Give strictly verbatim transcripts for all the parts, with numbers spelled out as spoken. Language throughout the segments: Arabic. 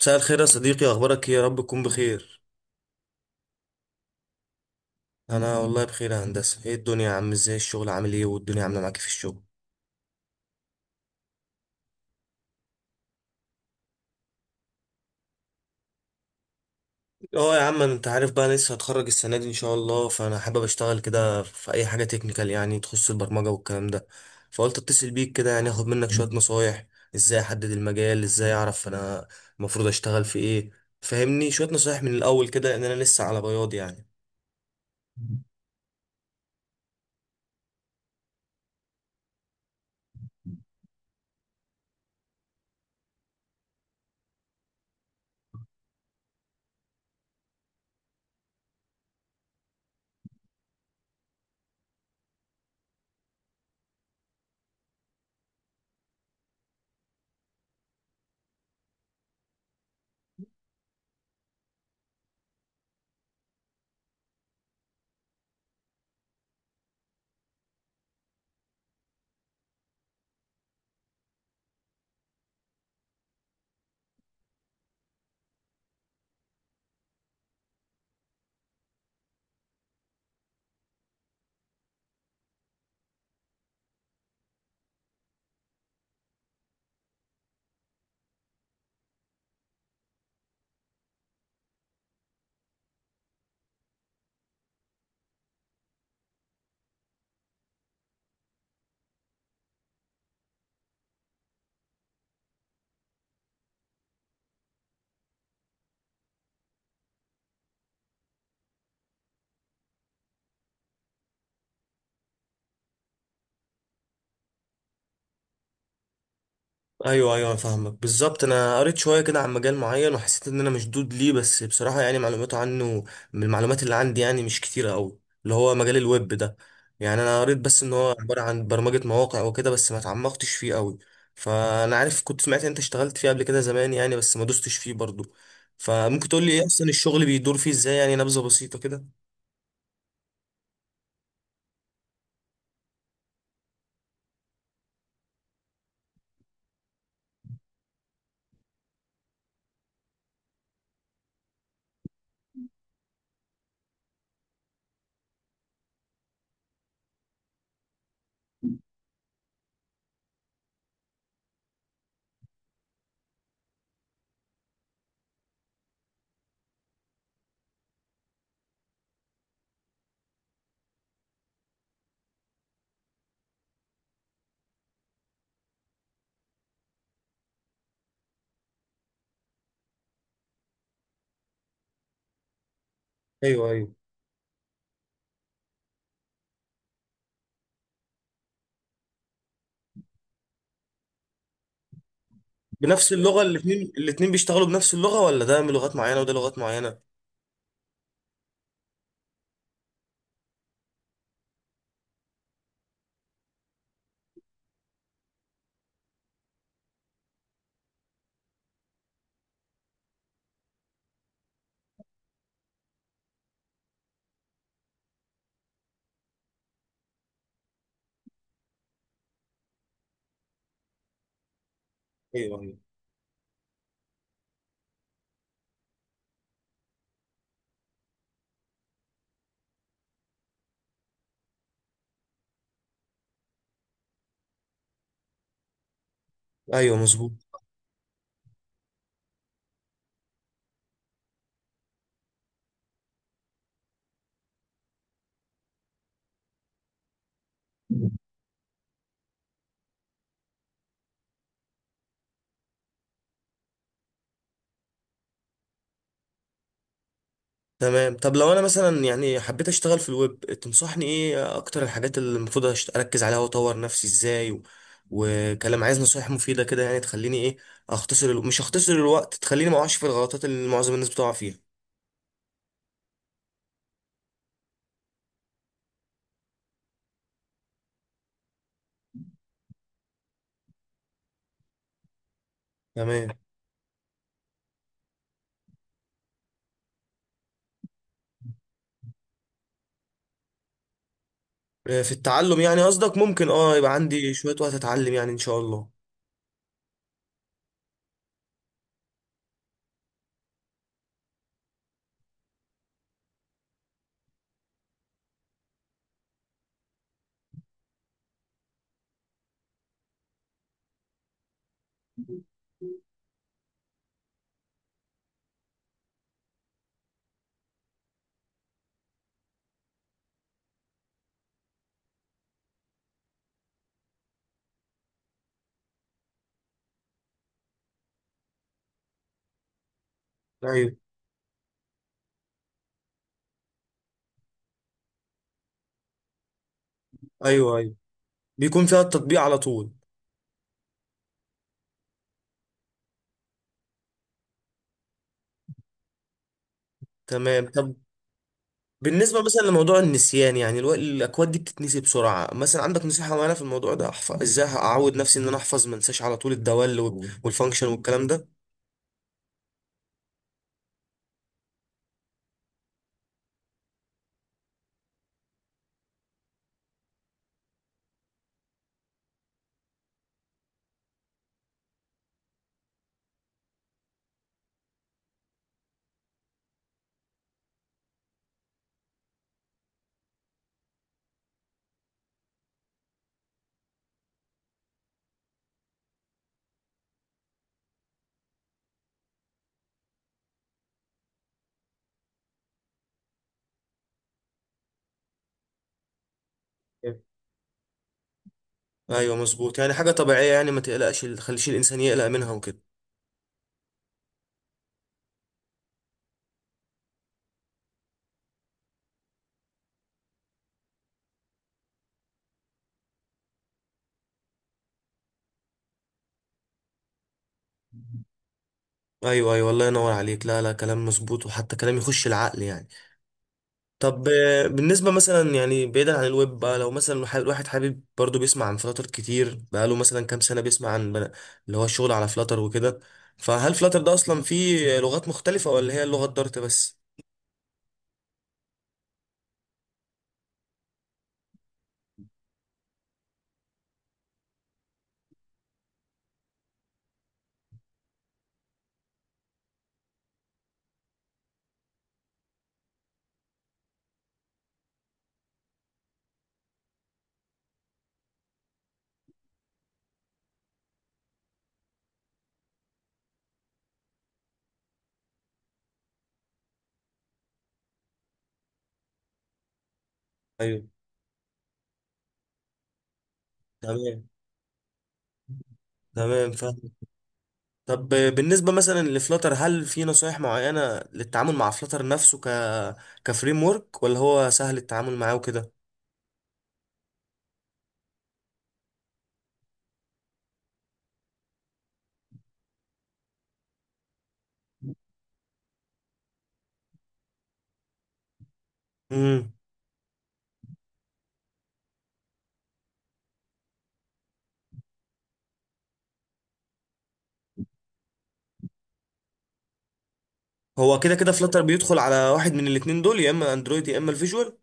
مساء الخير يا صديقي، اخبارك ايه؟ يا رب تكون بخير. انا والله بخير يا هندسه. ايه الدنيا يا عم؟ ازاي الشغل؟ عامل ايه والدنيا عامله معاك إيه في الشغل؟ اه يا عم، انت عارف بقى أنا لسه هتخرج السنه دي ان شاء الله، فانا حابب اشتغل كده في اي حاجه تكنيكال يعني تخص البرمجه والكلام ده. فقلت اتصل بيك كده يعني اخد منك شويه نصايح. ازاي احدد المجال؟ ازاي اعرف انا المفروض اشتغل في ايه؟ فهمني شويه نصايح من الاول كده، لان انا لسه على بياض يعني. ايوه ايوه، فاهمك بالظبط. انا قريت شويه كده عن مجال معين وحسيت ان انا مشدود ليه، بس بصراحه يعني معلوماته عنه من المعلومات اللي عندي يعني مش كتيره قوي، اللي هو مجال الويب ده. يعني انا قريت بس ان هو عباره عن برمجه مواقع وكده، بس ما تعمقتش فيه قوي. فانا عارف كنت سمعت إن انت اشتغلت فيه قبل كده زمان يعني، بس ما دوستش فيه برضو. فممكن تقول لي ايه اصلا الشغل بيدور فيه ازاي؟ يعني نبذه بسيطه كده. ايوه ايوه. بنفس اللغه الاثنين الاثنين بيشتغلوا بنفس اللغه، ولا ده من لغات معينه وده لغات معينه؟ ايوه ايوه ايوه مظبوط. تمام. طب لو انا مثلا يعني حبيت اشتغل في الويب، تنصحني ايه اكتر الحاجات اللي المفروض أشت- اركز عليها واطور نفسي ازاي و... وكلام، عايز نصايح مفيدة كده يعني تخليني ايه، اختصر ال... مش اختصر الوقت، تخليني ما اقعش في الغلطات اللي معظم الناس بتقع فيها. تمام. آه، في التعلم يعني قصدك؟ ممكن اه، يبقى عندي شوية وقت اتعلم يعني ان شاء الله. ايوه ايوه ايوه. بيكون فيها التطبيق على طول. تمام. طب بالنسبة مثلا لموضوع النسيان يعني الو- الأكواد دي بتتنسي بسرعة، مثلا عندك نصيحة معينة في الموضوع ده؟ أحفظ إزاي؟ أعود نفسي إن أنا أحفظ ما أنساش على طول الدوال وال- والفانكشن والكلام ده. أيوه مظبوط، يعني حاجة طبيعية يعني، ما تقلقش، ما تخليش الإنسان يقلق منها وكده. أيوه أيوه، الله ينور عليك. لا لا، كلام مظبوط وحتى كلام يخش العقل يعني. طب آه، بالنسبة مثلا يعني بعيدا عن الويب بقى، لو مثلا ح- الواحد حابب برضو، بيسمع عن فلاتر كتير، بقاله مثلا كام سنة بيسمع عن بنا- اللي هو الشغل على فلاتر وكده. فهل فلاتر ده أصلا فيه لغات مختلفة ولا هي اللغة الدارت بس؟ ايوه. تمام. تمام فاهم. طب آه، بالنسبة مثلا لفلاتر، هل في نصايح معينة للتعامل مع فلاتر نفسه ك كفريم ورك، ولا هو سهل التعامل معاه وكده؟ امم. هو كده كده فلاتر بيدخل على واحد من الاتنين دول، يا اما اندرويد يا اما الفيجوال.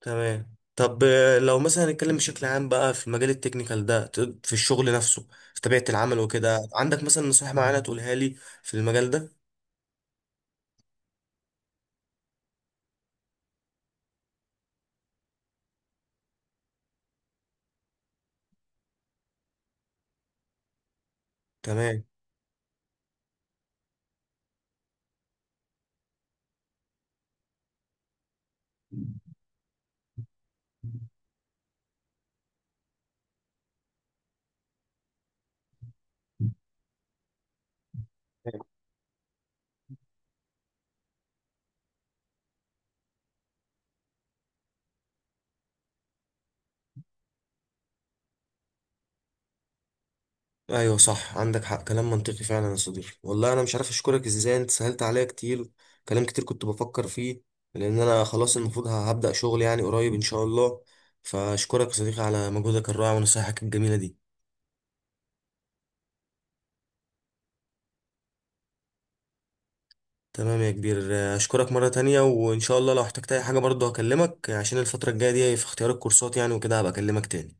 تمام. طب آه، لو مثلا نتكلم بشكل عام بقى في المجال التكنيكال ده، ت- في الشغل نفسه، في طبيعة العمل وكده، عندك مثلا نصيحة معينة تقولها لي في المجال ده؟ تمام. ايوه صح، عندك حق، كلام منطقي فعلا يا صديقي. والله انا مش عارف اشكرك ازاي، انت سهلت عليا كتير كلام كتير كنت بفكر فيه، لان انا خلاص المفروض ه- هبدأ شغل يعني قريب ان شاء الله. فاشكرك يا صديقي على مجهودك الرائع ونصايحك الجميلة دي. تمام يا كبير، آه، اشكرك مرة تانية، وان شاء الله لو احتجت اي حاجة برضه هكلمك، عشان الفترة الجاية دي في اختيار الكورسات يعني وكده هبقى اكلمك تاني.